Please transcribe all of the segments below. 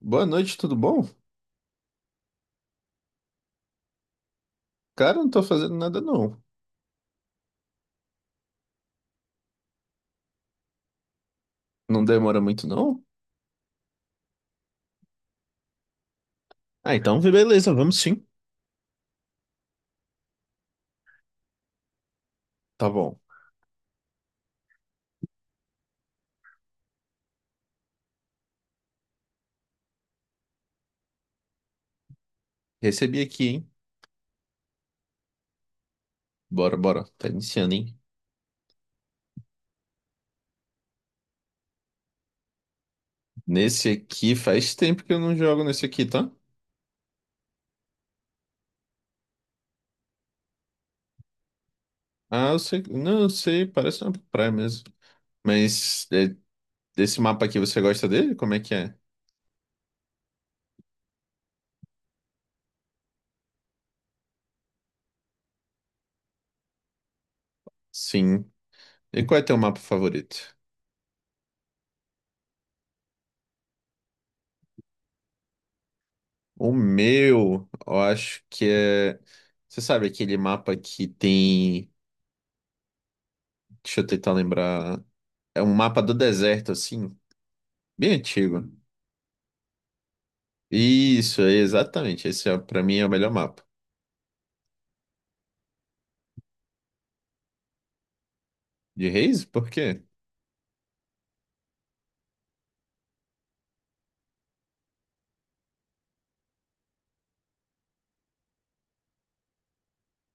Boa noite, tudo bom? Cara, não tô fazendo nada não. Não demora muito não? Ah, então beleza, vamos sim. Tá bom. Recebi aqui, hein? Bora, bora. Tá iniciando, hein? Nesse aqui faz tempo que eu não jogo nesse aqui, tá? Ah, eu sei. Não, eu sei, parece uma praia mesmo. Mas é, desse mapa aqui, você gosta dele? Como é que é? Sim. E qual é teu mapa favorito? O meu, eu acho que é. Você sabe aquele mapa que tem. Deixa eu tentar lembrar. É um mapa do deserto, assim, bem antigo. Isso, é exatamente. Esse, é, pra mim, é o melhor mapa. De Reis? Por quê?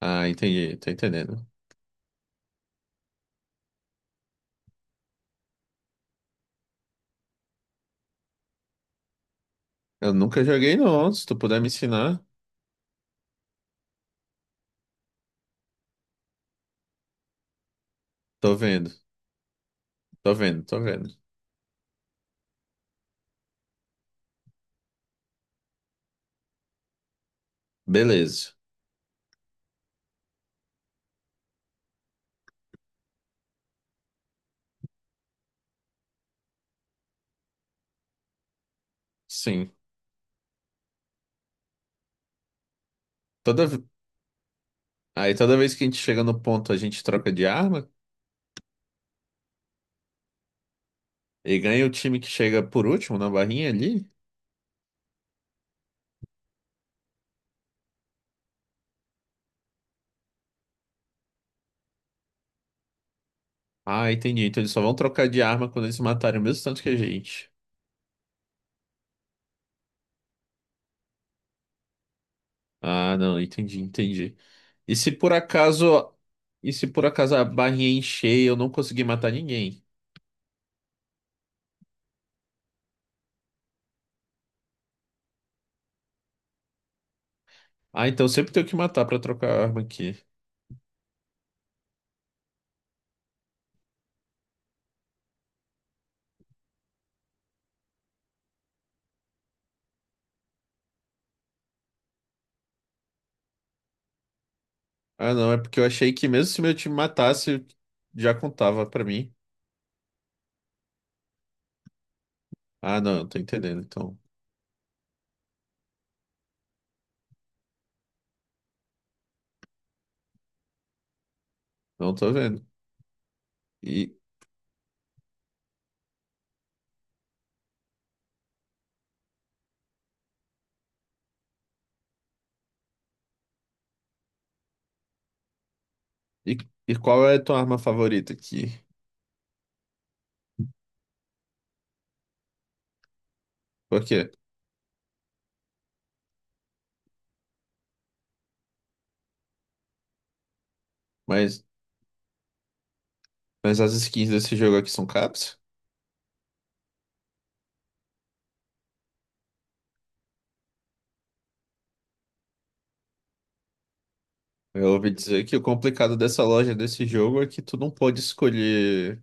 Ah, entendi, tô entendendo. Eu nunca joguei, não. Se tu puder me ensinar, tô vendo, tô vendo. Beleza. Sim. Toda... ve- Aí toda vez que a gente chega no ponto, a gente troca de arma e ganha o time que chega por último na barrinha ali. Ah, entendi. Então eles só vão trocar de arma quando eles matarem o mesmo tanto que a gente. Ah, não, entendi, entendi. E se por acaso, e se por acaso a barrinha encher e eu não conseguir matar ninguém? Ah, então sempre tenho que matar pra trocar a arma aqui. Ah, não, é porque eu achei que mesmo se meu time matasse, já contava pra mim. Ah, não, eu tô entendendo, então. Não tô vendo. E, e, e qual é a tua arma favorita aqui? Por quê? Mas, mas as skins desse jogo aqui são caps? Eu ouvi dizer que o complicado dessa loja, desse jogo, é que tu não pode escolher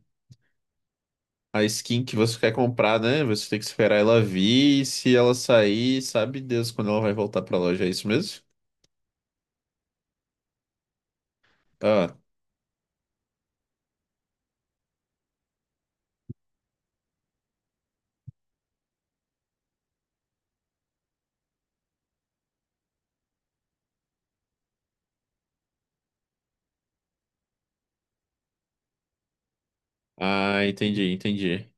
a skin que você quer comprar, né? Você tem que esperar ela vir. E se ela sair, sabe Deus quando ela vai voltar pra loja. É isso mesmo? Ah, ah, entendi, entendi.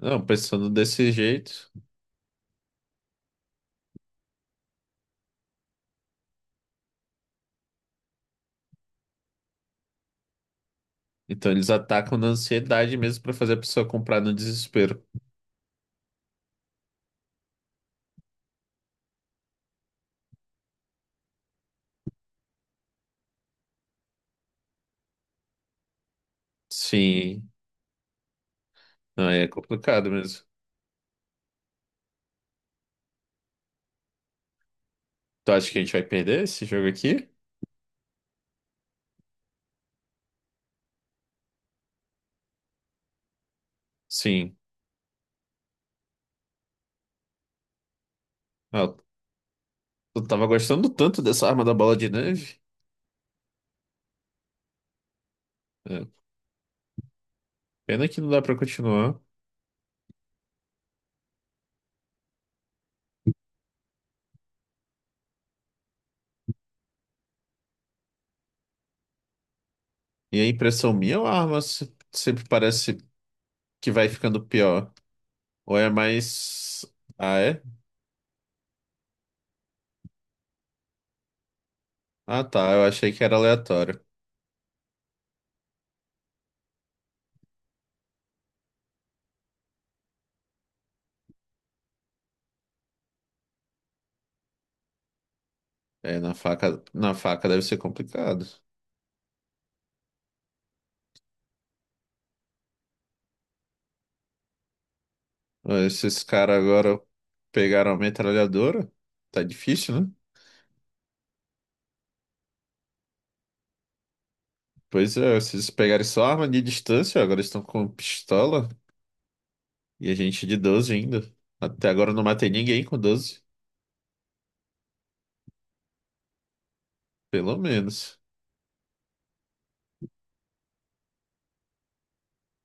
Não, pensando desse jeito. Então eles atacam na ansiedade mesmo pra fazer a pessoa comprar no desespero. Sim, não, é complicado mesmo. Tu acha que a gente vai perder esse jogo aqui? Sim. Ah, eu tava gostando tanto dessa arma da bola de neve. É, pena que não dá pra continuar. E a impressão minha, a arma sempre parece que vai ficando pior. Ou é mais. Ah, é? Ah, tá. Eu achei que era aleatório. É, na faca deve ser complicado. Ah, esses caras agora pegaram a metralhadora. Tá difícil, né? Pois é, se eles pegarem só arma de distância, agora eles estão com pistola. E a gente de 12 ainda. Até agora eu não matei ninguém com doze. Pelo menos.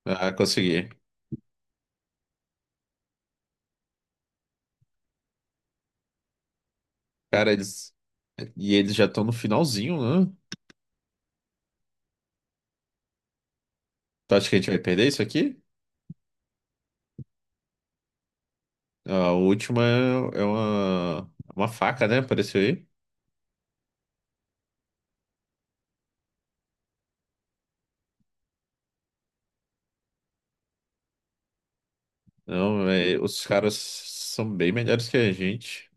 Ah, consegui. Cara, eles. E eles já estão no finalzinho, né? Tu acha que a gente vai perder isso aqui? A última é uma, é uma faca, né? Apareceu aí. Não, é, os caras são bem melhores que a gente.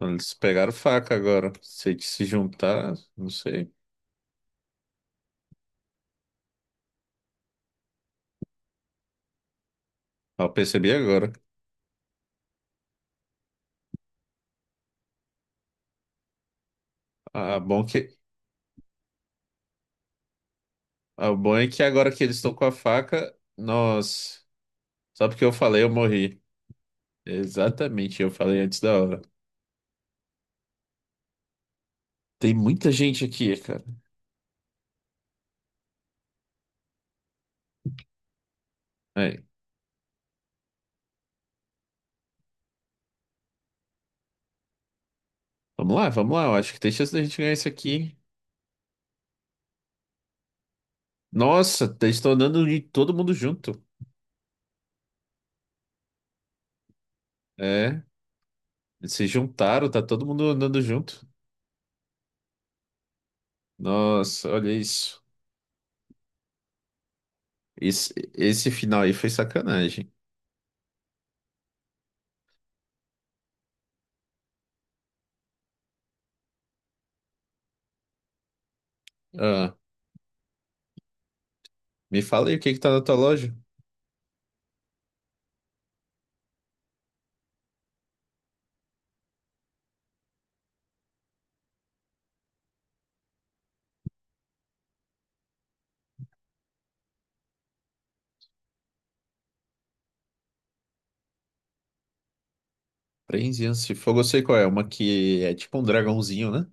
Eles pegaram faca agora. Se a gente se juntar, não sei. Ah, eu percebi agora. Ah, bom que, ah, bom é que agora que eles estão com a faca, nós. Só porque eu falei, eu morri. Exatamente, eu falei antes da hora. Tem muita gente aqui, cara. Aí, vamos lá, vamos lá. Eu acho que tem chance da gente ganhar isso aqui. Nossa, eles estão andando de todo mundo junto. É. Eles se juntaram, tá todo mundo andando junto. Nossa, olha isso. Esse final aí foi sacanagem. Ah, me fala aí o que que tá na tua loja. Frenzy e de fogo, eu sei qual é. Uma que é tipo um dragãozinho, né?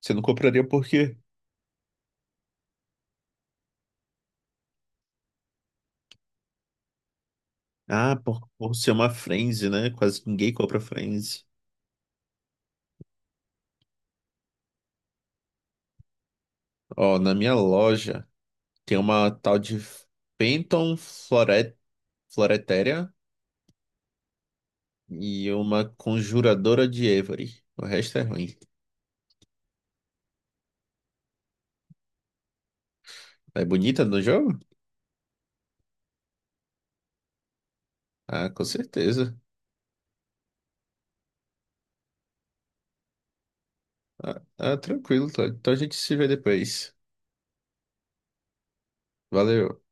Você não compraria por quê? Ah, por ser uma Frenzy, né? Quase ninguém compra Frenzy. Ó, na minha loja tem uma tal de Phantom Floret, Floretéria e uma Conjuradora de Avery. O resto é ruim. É bonita no jogo? Ah, com certeza. Ah, ah, tranquilo, Todd. Então a gente se vê depois. Valeu.